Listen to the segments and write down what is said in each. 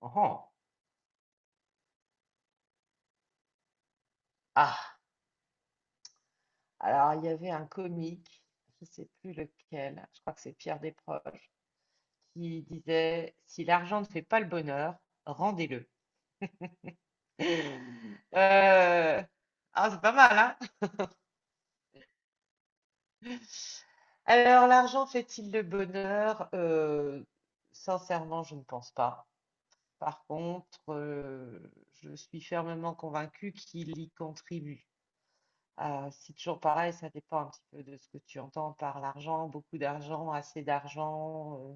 Oh. Ah, alors il y avait un comique, je ne sais plus lequel, je crois que c'est Pierre Desproges, qui disait, si l'argent ne fait pas le bonheur, rendez-le. Euh, Ah, c'est pas mal, hein? Alors, l'argent fait-il le bonheur? Sincèrement, je ne pense pas. Par contre, je suis fermement convaincue qu'il y contribue. C'est toujours pareil, ça dépend un petit peu de ce que tu entends par l'argent, beaucoup d'argent, assez d'argent.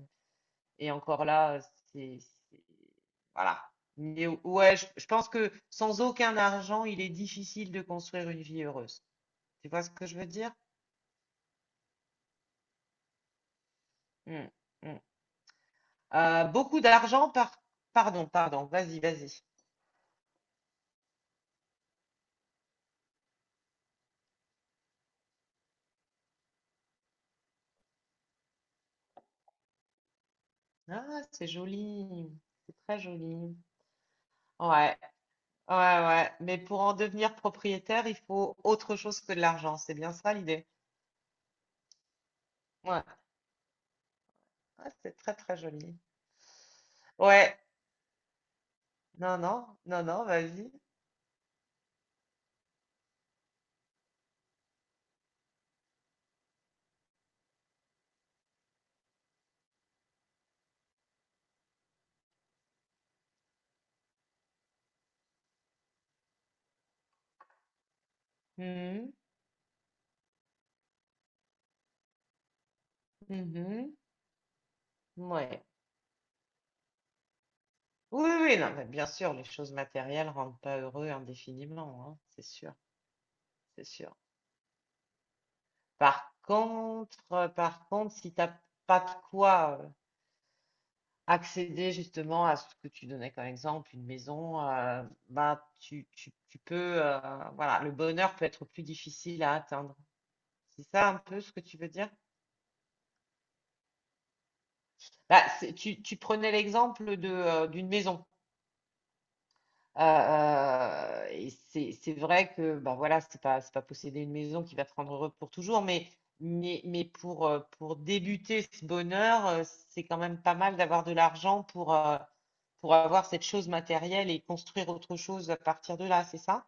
Et encore là, c'est, c'est- voilà. Mais ouais, je pense que sans aucun argent, il est difficile de construire une vie heureuse. Tu vois ce que je veux dire? Hmm, hmm. Beaucoup d'argent par... Pardon, pardon, vas-y, vas-y. Ah, c'est joli. C'est très joli. Ouais, ouais, ouais. Mais pour en devenir propriétaire, il faut autre chose que de l'argent. C'est bien ça l'idée. Ouais. Ah, c'est très très joli. Ouais, non, non, non, non, vas-y. Mhm, mhm, ouais. Oui, oui, non, mais bien sûr, les choses matérielles rendent pas heureux indéfiniment, hein, c'est sûr, c'est sûr. Par contre, si t'as pas de quoi accéder justement à ce que tu donnais comme exemple, une maison, tu peux, euh, voilà, le bonheur peut être plus difficile à atteindre. C'est ça un peu ce que tu veux dire? Tu, tu prenais l'exemple d'une maison. Heu et c'est vrai que, bah, voilà, c'est pas posséder une maison qui va te rendre heureux pour toujours, mais mais pour débuter ce bonheur, c'est quand même pas mal d'avoir de l'argent pour avoir cette chose matérielle et construire autre chose à partir de là, c'est ça?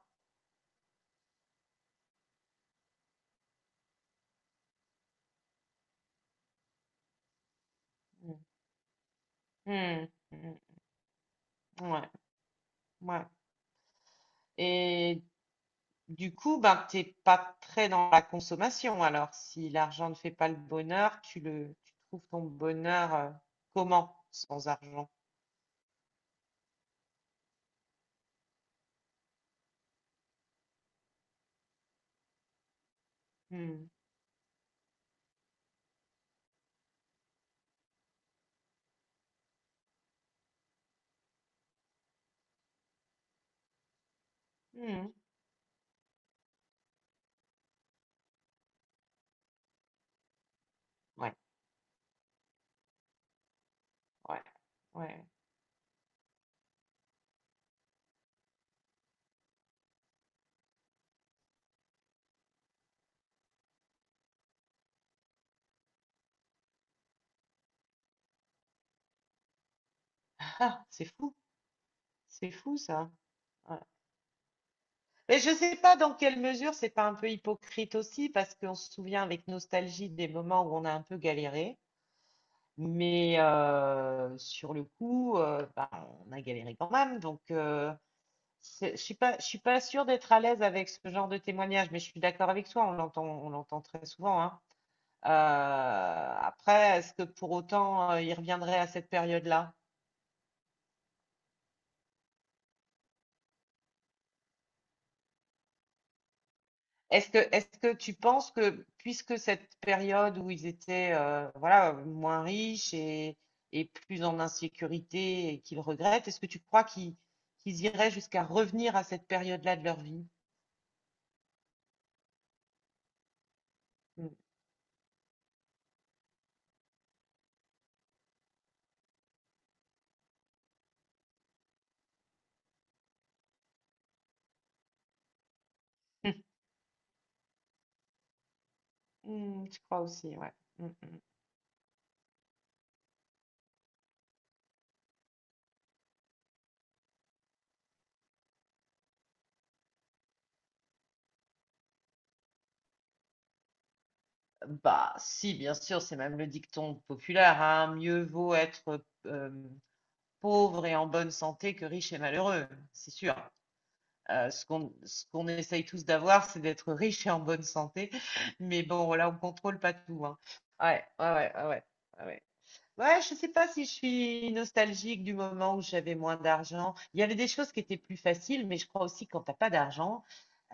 Mmh. Mmh. Mmh. Ouais, ouais, et du coup, ben, t'es pas très dans la consommation alors? Si l'argent ne fait pas le bonheur, tu trouves ton bonheur, comment, sans argent? Mmh. Mmh. Ouais, ouais, ouais. Ah, c'est fou ça. Ouais. Mais je ne sais pas dans quelle mesure c'est pas un peu hypocrite aussi, parce qu'on se souvient avec nostalgie des moments où on a un peu galéré, mais sur le coup, bah, on a galéré quand même. Donc, je suis pas sûre d'être à l'aise avec ce genre de témoignage, mais je suis d'accord avec toi, on l'entend très souvent, hein. Euh, Après, est-ce que pour autant, il reviendrait à cette période-là? Est-ce que tu penses que, puisque cette période où ils étaient voilà, moins riches et plus en insécurité et qu'ils regrettent, est-ce que tu crois qu'ils qu'ils iraient jusqu'à revenir à cette période-là de leur vie? Mm. Mm, je crois aussi, ouais. Mm, mm. Bah, si, bien sûr, c'est même le dicton populaire, hein, mieux vaut être pauvre et en bonne santé que riche et malheureux, c'est sûr. Ce qu'on essaye tous d'avoir, c'est d'être riche et en bonne santé. Mais bon, voilà, on contrôle pas tout, hein. Ouais, ouais, ouais, ouais, ouais. Ouais, ouais. Ouais, je sais pas si je suis nostalgique du moment où j'avais moins d'argent. Il y avait des choses qui étaient plus faciles, mais je crois aussi que quand t'as pas d'argent,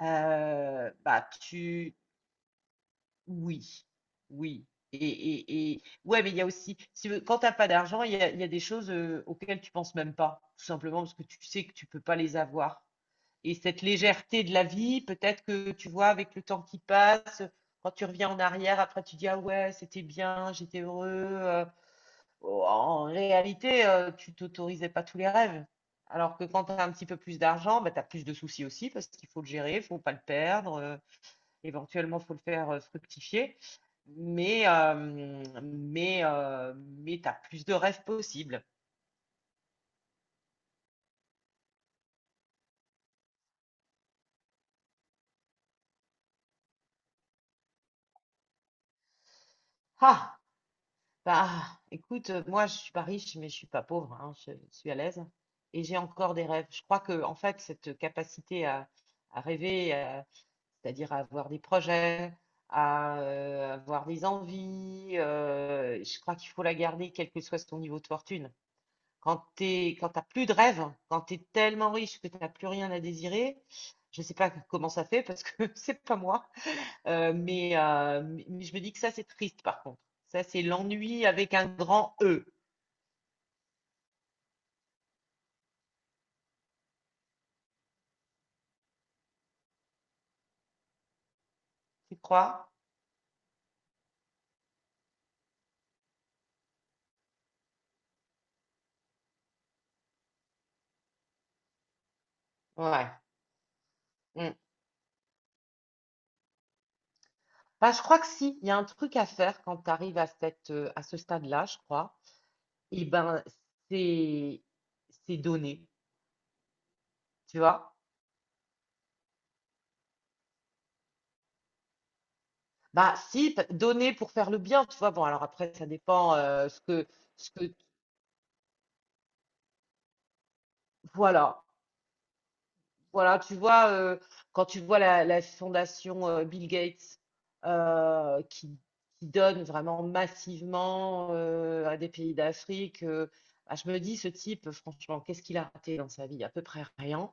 euh, bah tu, oui, oui. Et ouais, mais il y a aussi, si, quand t'as pas d'argent, il y a des choses auxquelles tu penses même pas, tout simplement parce que tu sais que tu peux pas les avoir et cette légèreté de la vie, peut-être que tu vois, avec le temps qui passe, quand tu reviens en arrière, après tu dis ah ouais, c'était bien, j'étais heureux. Oh, En réalité, tu t'autorisais pas tous les rêves. Alors que quand tu as un petit peu plus d'argent, bah, tu as plus de soucis aussi parce qu'il faut le gérer, il faut pas le perdre, éventuellement, il faut le faire fructifier. Mais tu as plus de rêves possibles. Ah, bah, écoute, moi, je suis pas riche, mais je suis pas pauvre, hein, je, suis à l'aise et j'ai encore des rêves. Je crois que, en fait, cette capacité à rêver, c'est-à-dire à avoir des projets, à avoir des envies, je crois qu'il faut la garder, quel que soit son niveau de fortune. Quand t'as plus de rêves, quand tu es tellement riche que tu n'as plus rien à désirer, je sais pas comment ça fait parce que c'est pas moi. Euh, mais, euh, mais je me dis que ça, c'est triste, par contre. Ça, c'est l'ennui avec un grand E. Tu crois? Ouais. Mm. Bah, je crois que si, il y a un truc à faire quand tu arrives à cette, à ce stade-là, je crois. Et ben, c'est, c'est donner, tu vois? Bah, si, p- Donner pour faire le bien, tu vois. Bon, alors après, ça dépend ce que, voilà. Voilà, tu vois, quand tu vois la fondation Bill Gates euh, qui, qui donne vraiment massivement à des pays d'Afrique, ah, je me dis, ce type, franchement, qu'est-ce qu'il a raté dans sa vie? À peu près rien.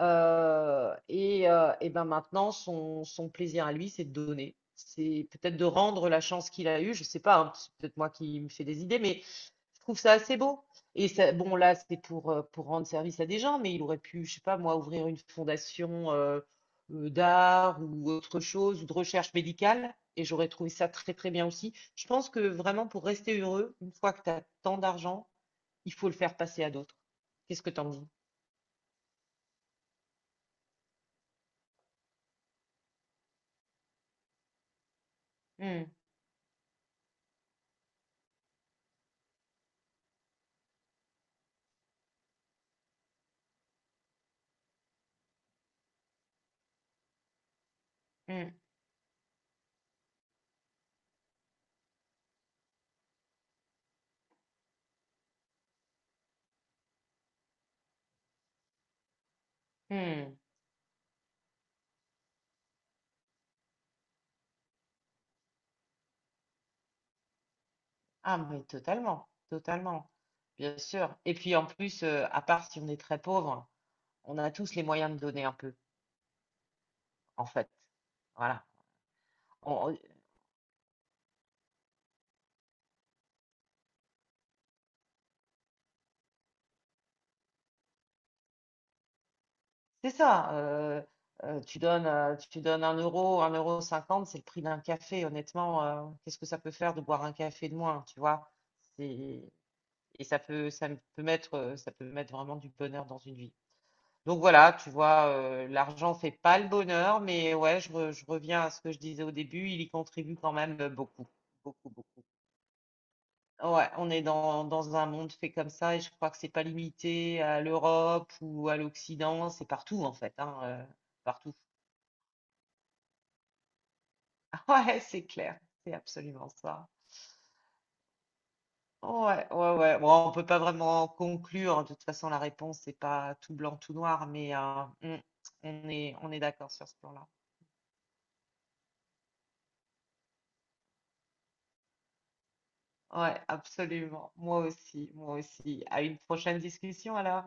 Et ben maintenant, son plaisir à lui, c'est de donner. C'est peut-être de rendre la chance qu'il a eue. Je sais pas, hein, c'est peut-être moi qui me fais des idées, mais je trouve ça assez beau. Bon, là, c'est pour rendre service à des gens, mais il aurait pu, je sais pas, moi, ouvrir une fondation d'art ou autre chose, ou de recherche médicale. Et j'aurais trouvé ça très, très bien aussi. Je pense que vraiment, pour rester heureux, une fois que tu as tant d'argent, il faut le faire passer à d'autres. Qu'est-ce que t'en dis? Hmm, hmm, hmm. Ah, mais totalement, totalement, bien sûr. Et puis en plus, à part si on est très pauvre, on a tous les moyens de donner un peu, en fait. Voilà. On- on- c'est ça. Tu donnes, tu donnes un euro cinquante, c'est le prix d'un café. Honnêtement, qu'est-ce que ça peut faire de boire un café de moins, tu vois? C'est, et ça peut, Ça peut mettre, ça peut mettre vraiment du bonheur dans une vie. Donc voilà, tu vois, l'argent fait pas le bonheur, mais ouais, je reviens à ce que je disais au début, il y contribue quand même beaucoup, beaucoup, beaucoup. Ouais, on est dans un monde fait comme ça et je crois que c'est pas limité à l'Europe ou à l'Occident, c'est partout en fait, hein, partout. Ouais, c'est clair, c'est absolument ça. Ouais, ouais, ouais. Bon, on peut pas vraiment conclure, hein, de toute façon la réponse c'est pas tout blanc, tout noir, mais on est d'accord sur ce plan-là. Ouais, absolument. Moi aussi, moi aussi. À une prochaine discussion alors.